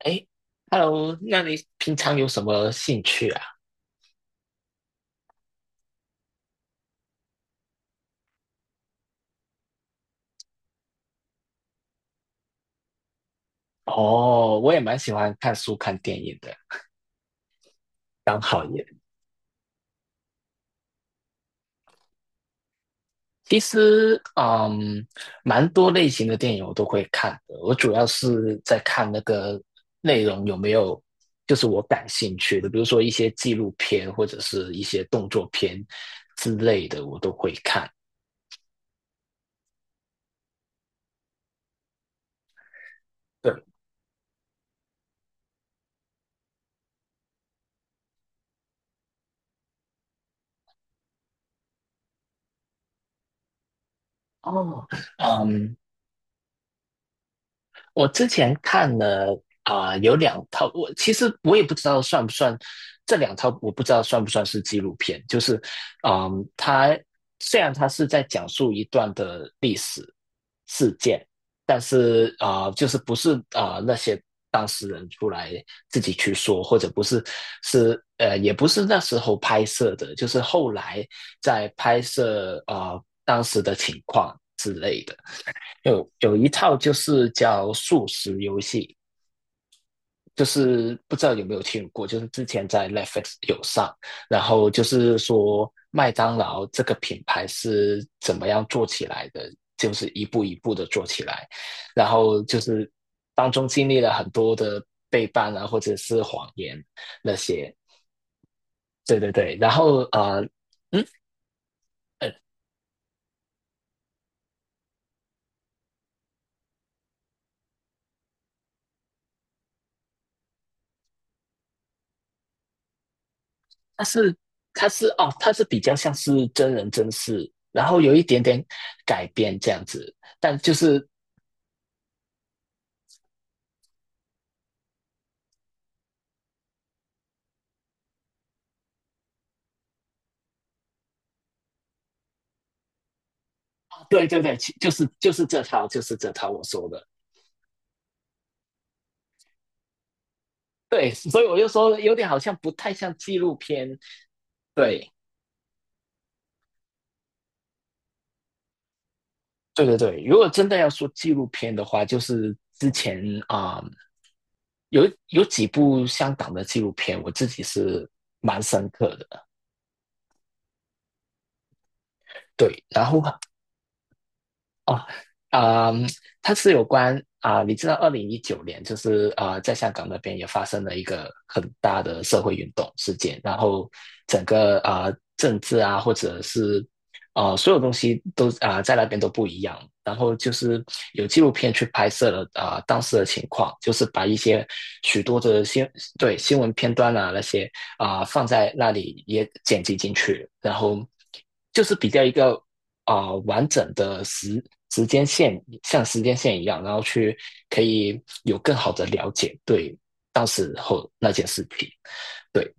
哎，Hello，那你平常有什么兴趣啊？哦，我也蛮喜欢看书、看电影的，刚好也。其实，蛮多类型的电影我都会看的。我主要是在看那个内容有没有，就是我感兴趣的，比如说一些纪录片或者是一些动作片之类的，我都会看。对。哦。嗯，我之前看了有两套，我其实也不知道算不算这两套，我不知道算不算是纪录片。就是，嗯，它虽然它是在讲述一段的历史事件，但是就是不是那些当事人出来自己去说，或者不是，也不是那时候拍摄的，就是后来在拍摄当时的情况之类的。有一套就是叫素食游戏，就是不知道有没有听过，就是之前在 Netflix 有上，然后就是说麦当劳这个品牌是怎么样做起来的，就是一步一步的做起来，然后就是当中经历了很多的背叛啊，或者是谎言那些。对对对，然后嗯，呃，它是它是比较像是真人真事，然后有一点点改编这样子，但就是。哦，对对对，就是就是这套就是这套我说的。对，所以我就说有点好像不太像纪录片。对对对对，如果真的要说纪录片的话，就是之前啊、嗯有几部香港的纪录片，我自己是蛮深刻的。对，然后。哦，啊，它是有关你知道，2019年就是在香港那边也发生了一个很大的社会运动事件，然后整个政治啊，或者是所有东西都在那边都不一样。然后就是有纪录片去拍摄了当时的情况，就是把一些许多的对，新闻片段啊那些放在那里也剪辑进去，然后就是比较一个完整的时间线，像时间线一样，然后去可以有更好的了解对当时候那件事情。对，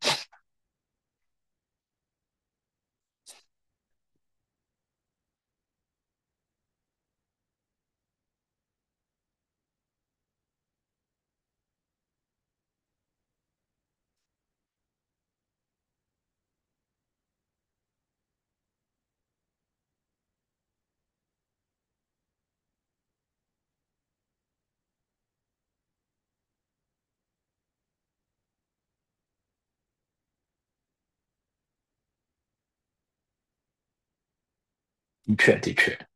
的确的确。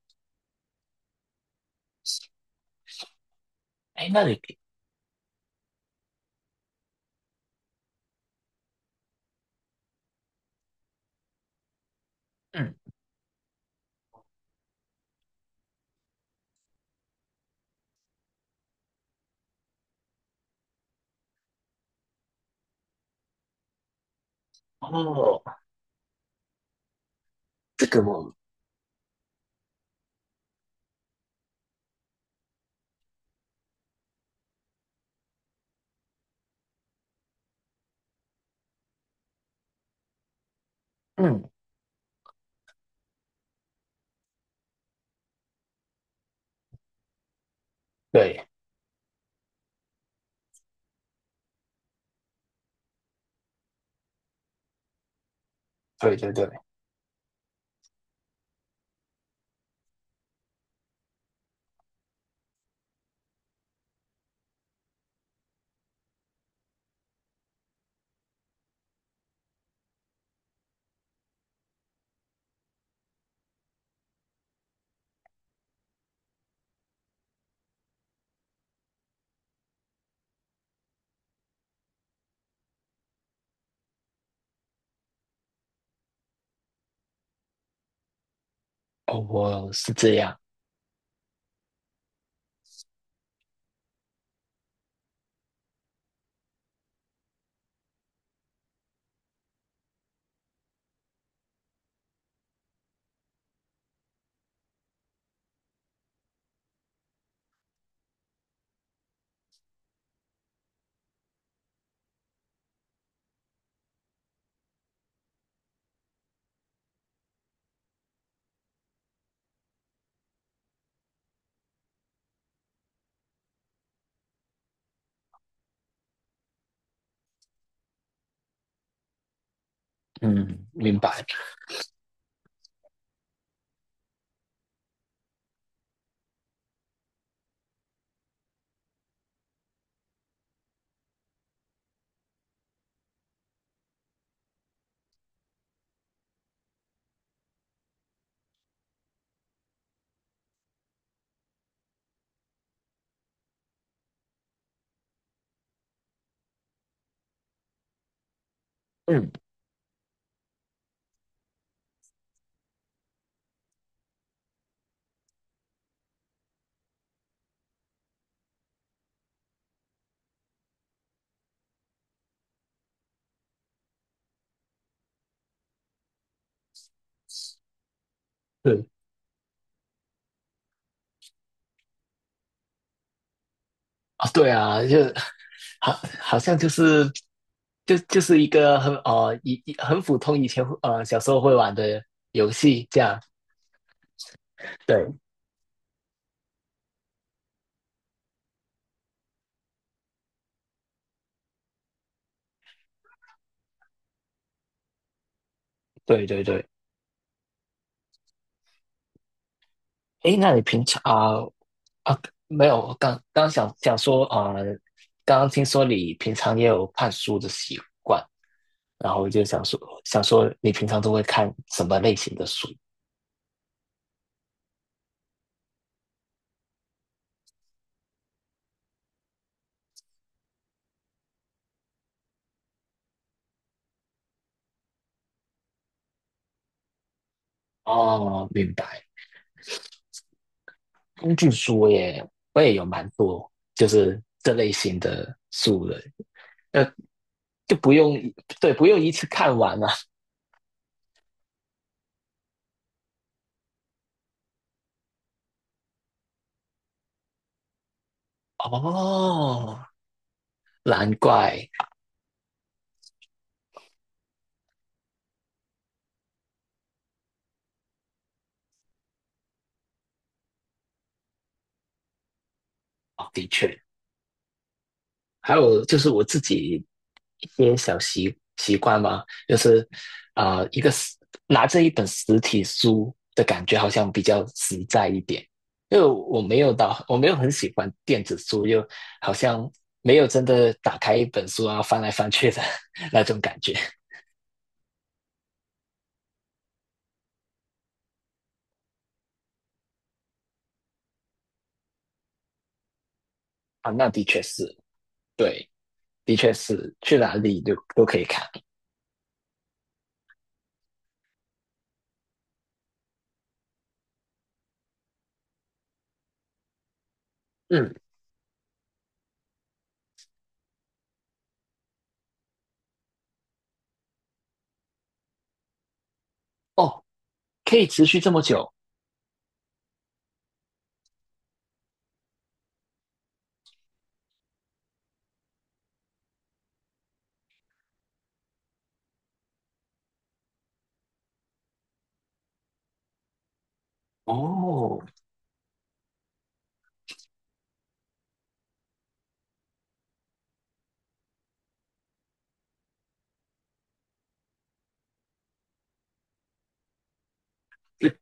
哎。嗯。哦。这个我嗯。对对对对。哦，我是这样。嗯，明白。嗯。对啊、对啊。好好像就是就是一个很呃一一很普通，以前小时候会玩的游戏这样。对对对对。诶，那你平常啊，没有，我刚刚想想说啊，刚刚听说你平常也有看书的习惯，然后我就想说，你平常都会看什么类型的书？哦，明白。工具书我也有蛮多，就是这类型的书的。呃，就不用对，不用一次看完啊。哦，难怪。哦，的确。还有就是我自己一些小习惯嘛，就是一个拿着一本实体书的感觉好像比较实在一点，因为我没有很喜欢电子书，又好像没有真的打开一本书啊翻来翻去的 那种感觉。啊，那的确是。对，的确是，去哪里都可以看。嗯。哦，可以持续这么久。哦，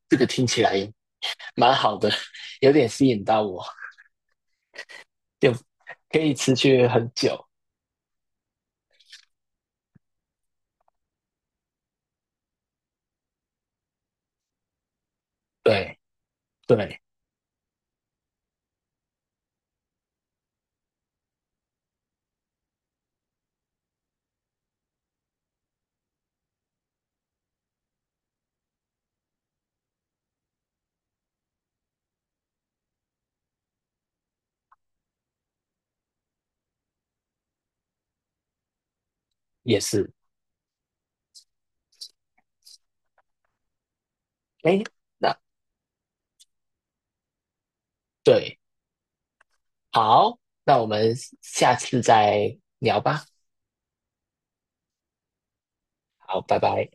这个听起来蛮好的，有点吸引到我。就可以持续很久。对对，也是。哎，那对，好，那我们下次再聊吧。好，拜拜。